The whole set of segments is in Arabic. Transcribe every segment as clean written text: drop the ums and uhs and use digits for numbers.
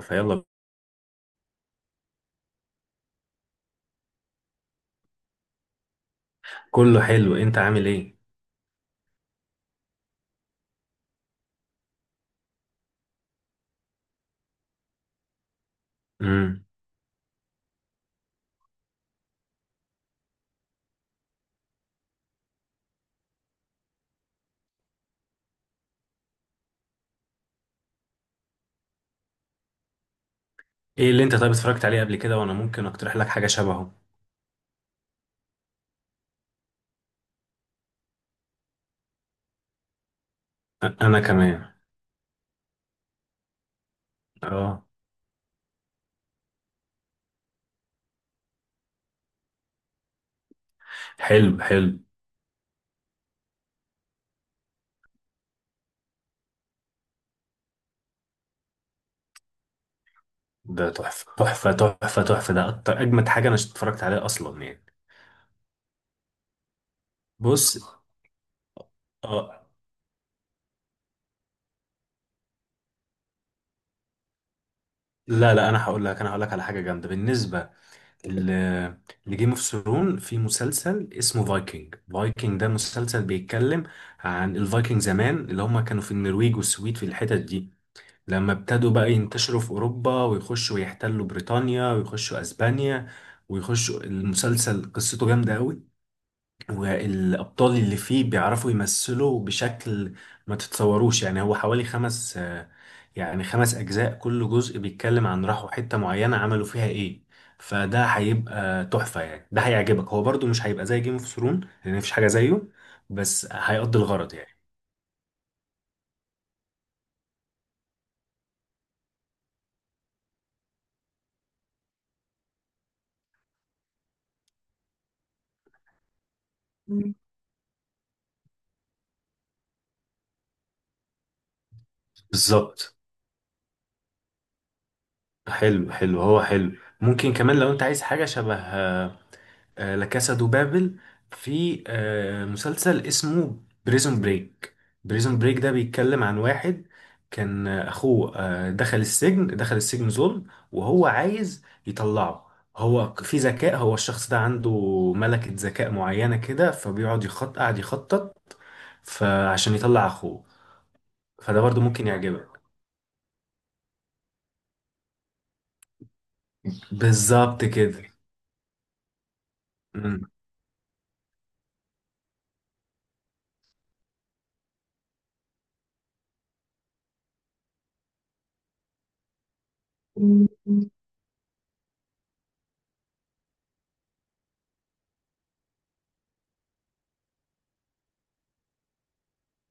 فيلا. كله حلو، انت عامل ايه؟ امم ايه اللي انت، طيب، اتفرجت عليه قبل كده وانا ممكن اقترح لك حاجه شبهه؟ انا كمان. اه. حلو حلو. ده تحفه تحفه تحفه تحفه، ده اكتر اجمد حاجه انا اتفرجت عليها اصلا يعني. بص. اه. لا، انا هقول لك على حاجه جامده بالنسبه ل- لجيم اوف ثرون. في مسلسل اسمه فايكنج. فايكنج ده مسلسل بيتكلم عن الفايكنج زمان، اللي هم كانوا في النرويج والسويد في الحتت دي. لما ابتدوا بقى ينتشروا في أوروبا ويخشوا ويحتلوا بريطانيا ويخشوا أسبانيا ويخشوا، المسلسل قصته جامدة قوي، والأبطال اللي فيه بيعرفوا يمثلوا بشكل ما تتصوروش. يعني هو حوالي خمس يعني خمس أجزاء، كل جزء بيتكلم عن راحوا حتة معينة عملوا فيها إيه. فده هيبقى تحفة يعني، ده هيعجبك. هو برضو مش هيبقى زي جيم اوف ثرون لأن مفيش حاجة زيه، بس هيقضي الغرض يعني. مم. بالظبط. حلو حلو، هو حلو. ممكن كمان لو انت عايز حاجة شبه لا كاسا دو بابل، في مسلسل اسمه بريزون بريك. بريزون بريك ده بيتكلم عن واحد كان اخوه دخل السجن ظلم، وهو عايز يطلعه. هو في ذكاء، هو الشخص ده عنده ملكة ذكاء معينة كده، فبيقعد يخط، قاعد يخطط فعشان يطلع اخوه. فده برضه ممكن يعجبك. بالظبط كده. مم.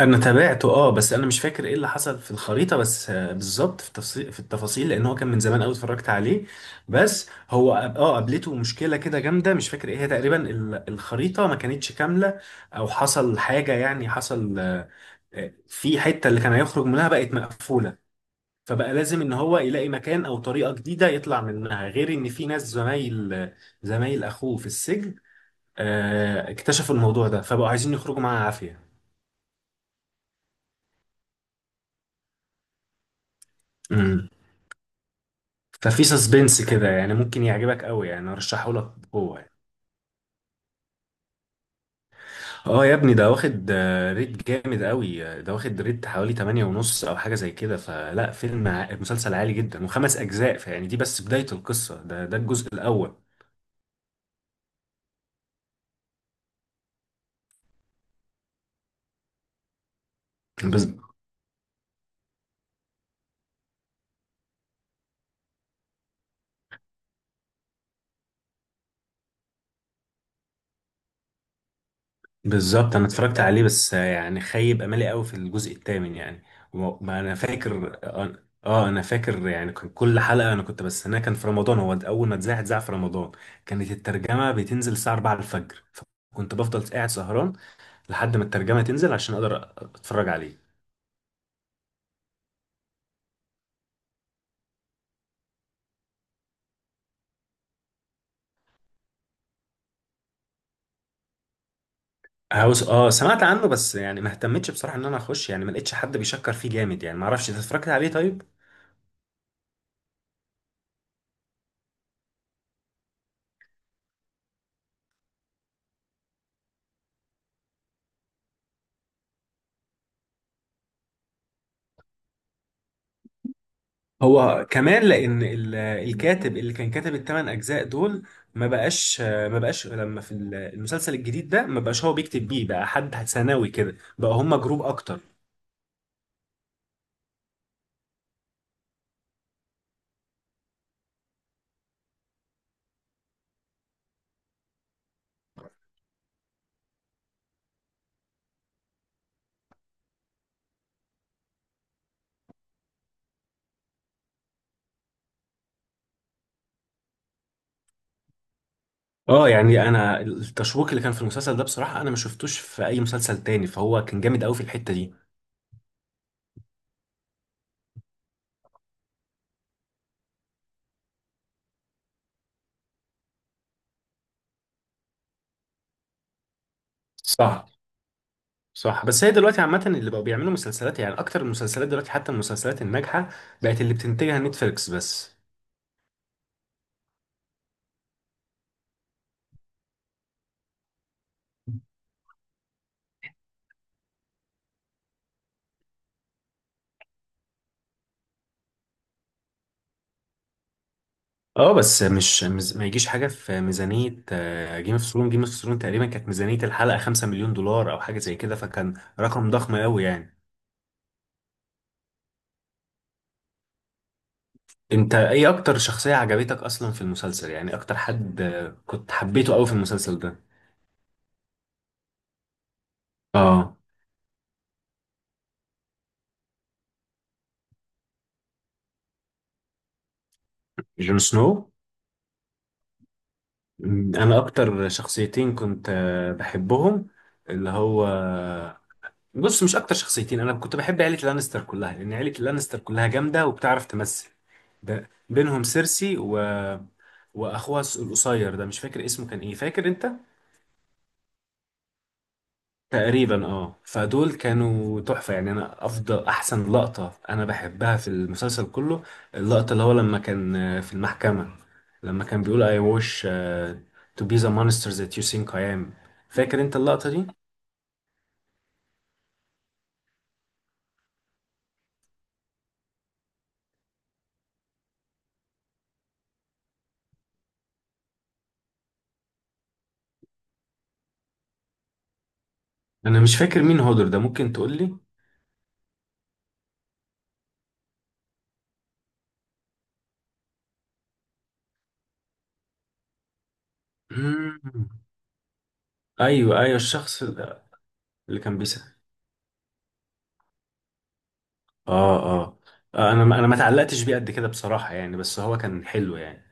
انا تابعته، اه، بس انا مش فاكر ايه اللي حصل في الخريطه بس بالظبط في التفاصيل، في التفاصيل، لان هو كان من زمان قوي اتفرجت عليه. بس هو قابلته مشكله كده جامده، مش فاكر ايه هي تقريبا. الخريطه ما كانتش كامله، او حصل حاجه يعني، حصل في حته اللي كان هيخرج منها بقت مقفوله. فبقى لازم ان هو يلاقي مكان او طريقه جديده يطلع منها، غير ان في ناس زمايل، اخوه في السجن اكتشفوا الموضوع ده، فبقوا عايزين يخرجوا معاه عافيه. ففي سسبنس كده يعني، ممكن يعجبك قوي يعني، ارشحه لك بقوه يعني. اه يا ابني، ده واخد ريت جامد قوي ده واخد ريت حوالي 8 ونص او حاجه زي كده. فلا، فيلم، مسلسل عالي جدا، وخمس اجزاء. فيعني دي بس بدايه القصه، ده ده الجزء الاول بس. بالظبط. انا اتفرجت عليه، بس يعني خيب املي قوي في الجزء الثامن يعني. ما انا فاكر، اه، انا فاكر يعني كان كل حلقه انا كنت بستناها. كان في رمضان، هو اول ما اتذاع في رمضان، كانت الترجمه بتنزل الساعه 4 الفجر، فكنت بفضل قاعد سهران لحد ما الترجمه تنزل عشان اقدر اتفرج عليه. هاوس، اه سمعت عنه بس يعني ما اهتمتش بصراحه ان انا اخش، يعني ما لقيتش حد بيشكر فيه جامد يعني. ما اعرفش، انت اتفرجت عليه طيب؟ هو كمان لان الكاتب اللي كان كاتب الثمان اجزاء دول ما بقاش لما في المسلسل الجديد ده. ما بقاش هو بيكتب بيه، بقى حد ثانوي كده، بقى هم جروب اكتر. اه يعني انا التشويق اللي كان في المسلسل ده بصراحة انا ما شفتوش في اي مسلسل تاني، فهو كان جامد قوي في الحتة دي. صح. صح. بس هي دلوقتي عامة اللي بقوا بيعملوا مسلسلات، يعني اكتر المسلسلات دلوقتي حتى المسلسلات الناجحة بقت اللي بتنتجها نتفليكس بس. اه بس مش ما يجيش حاجه في ميزانيه جيم اوف ثرون. جيم اوف ثرون تقريبا كانت ميزانيه الحلقه 5 مليون دولار او حاجه زي كده، فكان رقم ضخم قوي يعني. انت ايه اكتر شخصيه عجبتك اصلا في المسلسل؟ يعني اكتر حد كنت حبيته قوي في المسلسل ده. اه. جون سنو. انا اكتر شخصيتين كنت بحبهم، اللي هو، بص، مش اكتر شخصيتين، انا كنت بحب عيله لانستر كلها، لان عيله لانستر كلها جامده وبتعرف تمثل. بينهم سيرسي، و واخوها القصير ده، مش فاكر اسمه كان ايه، فاكر انت؟ تقريبا، اه. فدول كانوا تحفة يعني. انا افضل احسن لقطة انا بحبها في المسلسل كله، اللقطة اللي هو لما كان في المحكمة لما كان بيقول I wish to be the monster that you think I am. فاكر انت اللقطة دي؟ انا مش فاكر مين هودر ده، ممكن تقول لي؟ مم. ايوه ايوه الشخص ده، اللي كان بيسأل. اه اه. انا انا ما تعلقتش بيه قد كده بصراحة يعني، بس هو كان حلو يعني.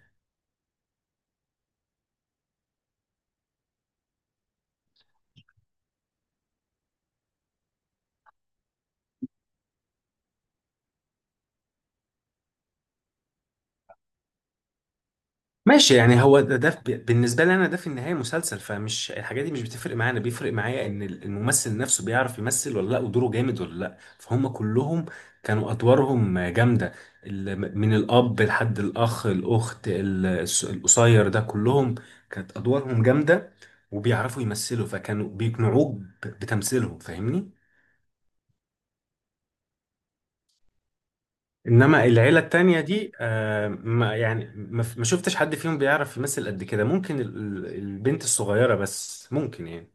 ماشي. يعني هو ده، ده بالنسبة لي أنا، ده في النهاية مسلسل، فمش الحاجات دي مش بتفرق معايا. أنا بيفرق معايا إن الممثل نفسه بيعرف يمثل ولا لأ، ودوره جامد ولا لأ. فهم كلهم كانوا أدوارهم جامدة، من الأب لحد الأخ، الأخت، القصير ده، كلهم كانت أدوارهم جامدة، وبيعرفوا يمثلوا، فكانوا بيقنعوك بتمثيلهم. فاهمني؟ انما العيله التانية دي، آه، ما يعني، ما شفتش حد فيهم بيعرف يمثل قد كده، ممكن البنت الصغيره بس ممكن يعني.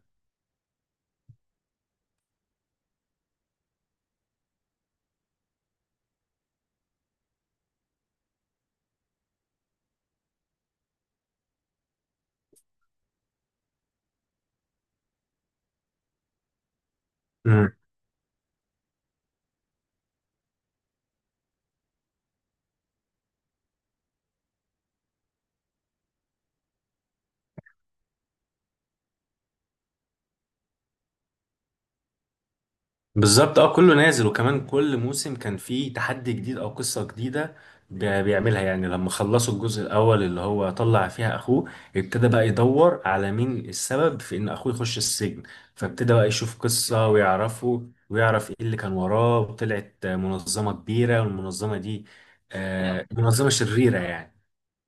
بالظبط. اه كله نازل، وكمان كل موسم كان فيه تحدي جديد او قصة جديدة بيعملها يعني. لما خلصوا الجزء الاول اللي هو طلع فيها اخوه، ابتدى بقى يدور على مين السبب في ان اخوه يخش السجن، فابتدى بقى يشوف قصة ويعرفه، ويعرف ايه اللي كان وراه، وطلعت منظمة كبيرة، والمنظمة دي آه منظمة شريرة يعني.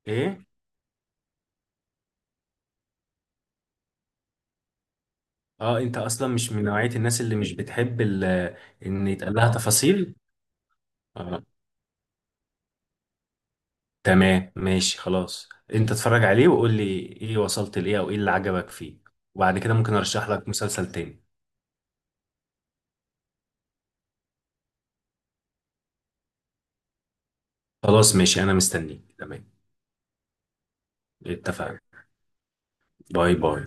ايه؟ اه انت اصلا مش من نوعية الناس اللي مش بتحب ان يتقال لها تفاصيل. آه. تمام ماشي خلاص. انت اتفرج عليه وقول لي ايه، وصلت لايه او ايه اللي عجبك فيه، وبعد كده ممكن ارشح لك مسلسل تاني. خلاص ماشي، انا مستنيك. تمام، اتفقنا. باي باي.